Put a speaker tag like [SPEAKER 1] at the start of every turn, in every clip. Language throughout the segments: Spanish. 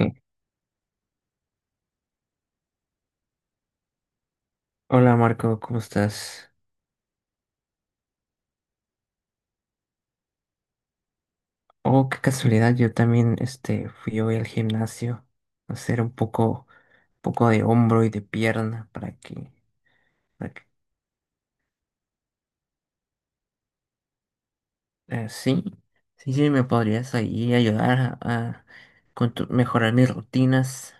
[SPEAKER 1] Mm. Hola Marco, ¿cómo estás? Oh, qué casualidad, yo también fui hoy al gimnasio a hacer un poco de hombro y de pierna para que- sí, sí, sí, me podrías ahí ayudar a mejorar mis rutinas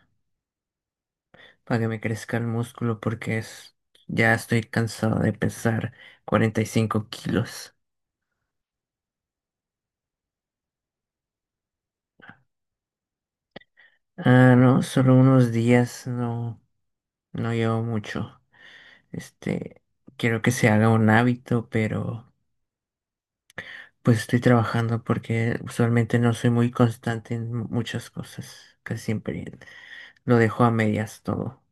[SPEAKER 1] para que me crezca el músculo porque es, ya estoy cansado de pesar 45 kilos. Ah, no, solo unos días, no, no llevo mucho. Este, Quiero que se haga un hábito, pero pues estoy trabajando porque usualmente no soy muy constante en muchas cosas. Casi siempre lo dejo a medias todo.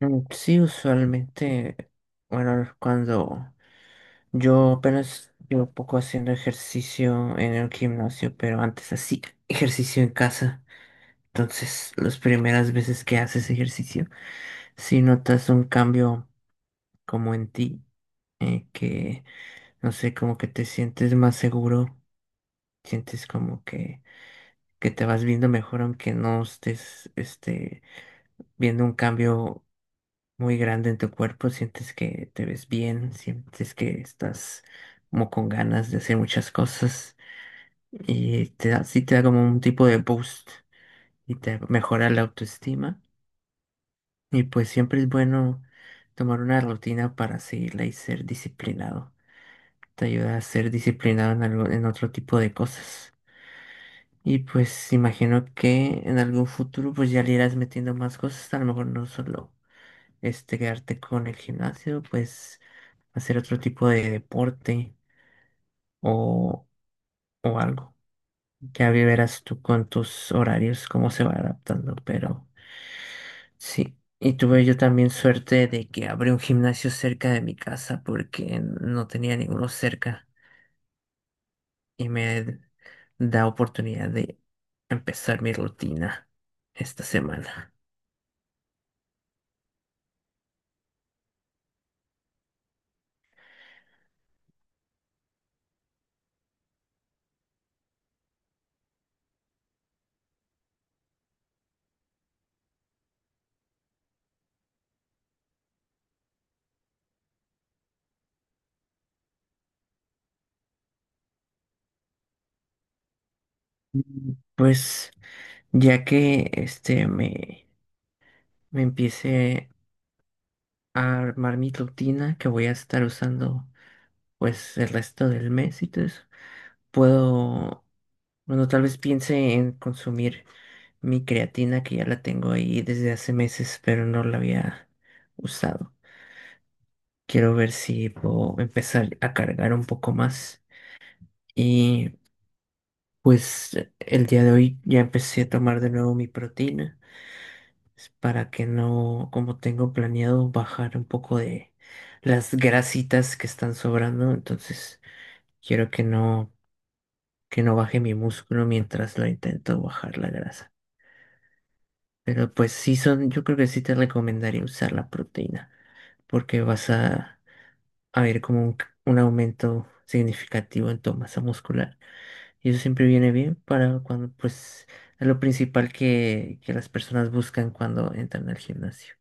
[SPEAKER 1] Mm, sí, usualmente, bueno, cuando yo apenas llevo poco haciendo ejercicio en el gimnasio, pero antes así ejercicio en casa. Entonces, las primeras veces que haces ejercicio, si notas un cambio como en ti, que no sé, como que te sientes más seguro, sientes como que te vas viendo mejor aunque no estés viendo un cambio muy grande en tu cuerpo, sientes que te ves bien, sientes que estás como con ganas de hacer muchas cosas y te da, sí te da como un tipo de boost y te mejora la autoestima y pues siempre es bueno tomar una rutina para seguirla y ser disciplinado. Te ayuda a ser disciplinado en algo, en otro tipo de cosas. Y pues imagino que en algún futuro pues ya le irás metiendo más cosas, a lo mejor no solo quedarte con el gimnasio, pues hacer otro tipo de deporte o, o algo. Ya verás tú con tus horarios cómo se va adaptando, pero sí. Y tuve yo también suerte de que abrí un gimnasio cerca de mi casa porque no tenía ninguno cerca y me da oportunidad de empezar mi rutina esta semana. Mm, pues ya que me empiece a armar mi rutina que voy a estar usando pues el resto del mes y todo eso, puedo, bueno, tal vez piense en consumir mi creatina que ya la tengo ahí desde hace meses, pero no la había usado. Quiero ver si puedo empezar a cargar un poco más. Y pues el día de hoy ya empecé a tomar de nuevo mi proteína. Es para que no, como tengo planeado, bajar un poco de las grasitas que están sobrando. Entonces, quiero que no baje mi músculo mientras lo intento bajar la grasa. Pero pues sí son, yo creo que sí te recomendaría usar la proteína, porque vas a ver como un aumento significativo en tu masa muscular. Y eso siempre viene bien para cuando, pues, es lo principal que las personas buscan cuando entran al gimnasio.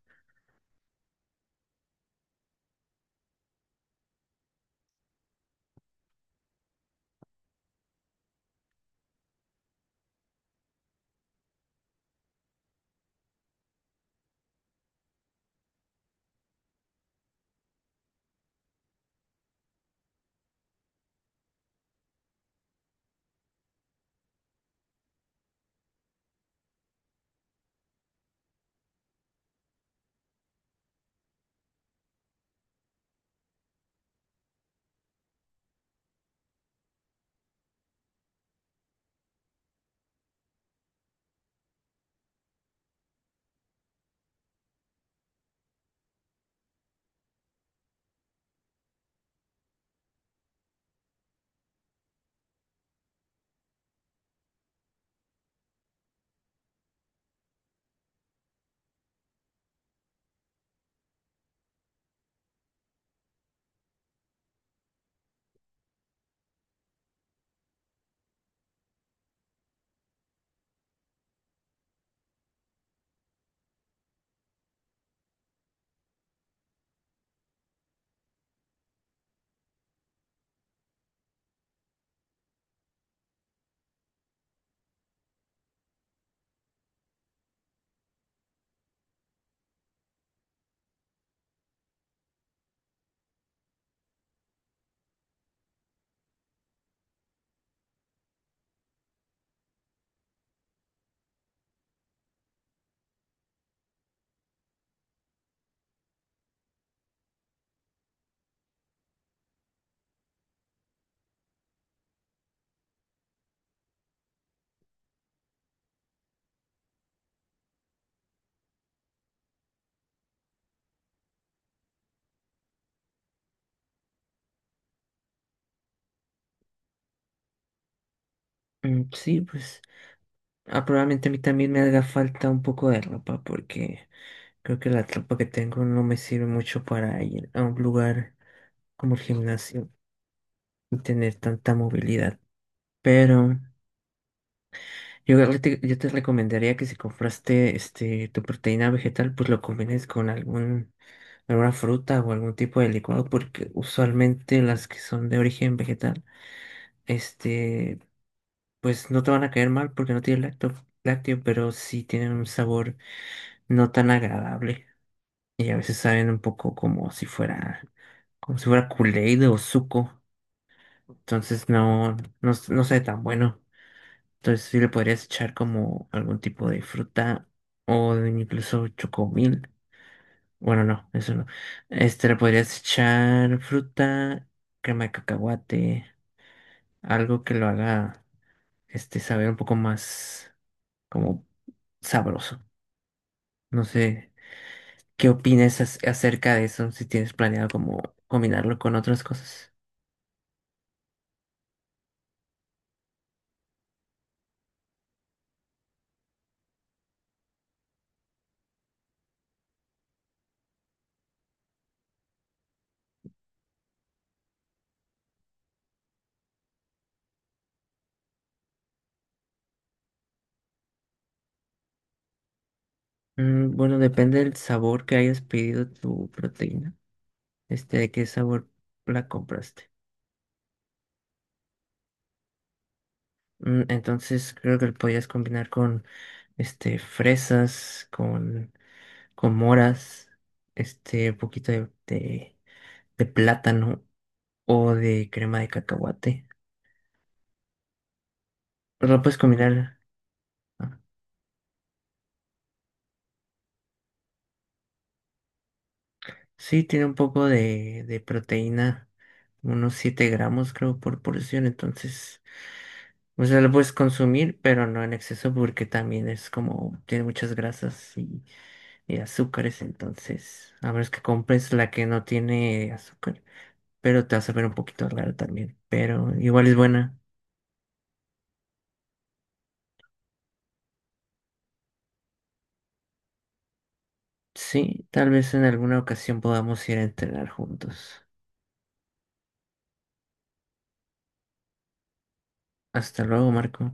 [SPEAKER 1] Mm, sí, pues. Ah, probablemente a mí también me haga falta un poco de ropa porque creo que la ropa que tengo no me sirve mucho para ir a un lugar como el gimnasio y tener tanta movilidad. Pero yo, creo que yo te recomendaría que si compraste tu proteína vegetal, pues lo combines con alguna fruta o algún tipo de licuado porque usualmente las que son de origen vegetal, este, pues no te van a caer mal porque no tienen lácteo, pero sí tienen un sabor no tan agradable. Y a veces saben un poco como si fuera Kool-Aid o suco. Entonces no, no, no sabe tan bueno. Entonces sí le podrías echar como algún tipo de fruta o incluso chocomil. Bueno, no, eso no. Le podrías echar fruta, crema de cacahuate, algo que lo haga saber un poco más como sabroso. No sé, ¿qué opinas acerca de eso? Si tienes planeado como combinarlo con otras cosas. Mm, bueno, depende del sabor que hayas pedido tu proteína. De qué sabor la compraste. Mm, entonces creo que lo podías combinar con fresas, con moras, un poquito de plátano o de crema de cacahuate. Lo puedes combinar. Ah, sí, tiene un poco de proteína, unos 7 gramos creo por porción, entonces, o sea, lo puedes consumir, pero no en exceso porque también es como, tiene muchas grasas y azúcares, entonces, a menos que compres la que no tiene azúcar, pero te vas a ver un poquito raro también, pero igual es buena. Sí, tal vez en alguna ocasión podamos ir a entrenar juntos. Hasta luego, Marco.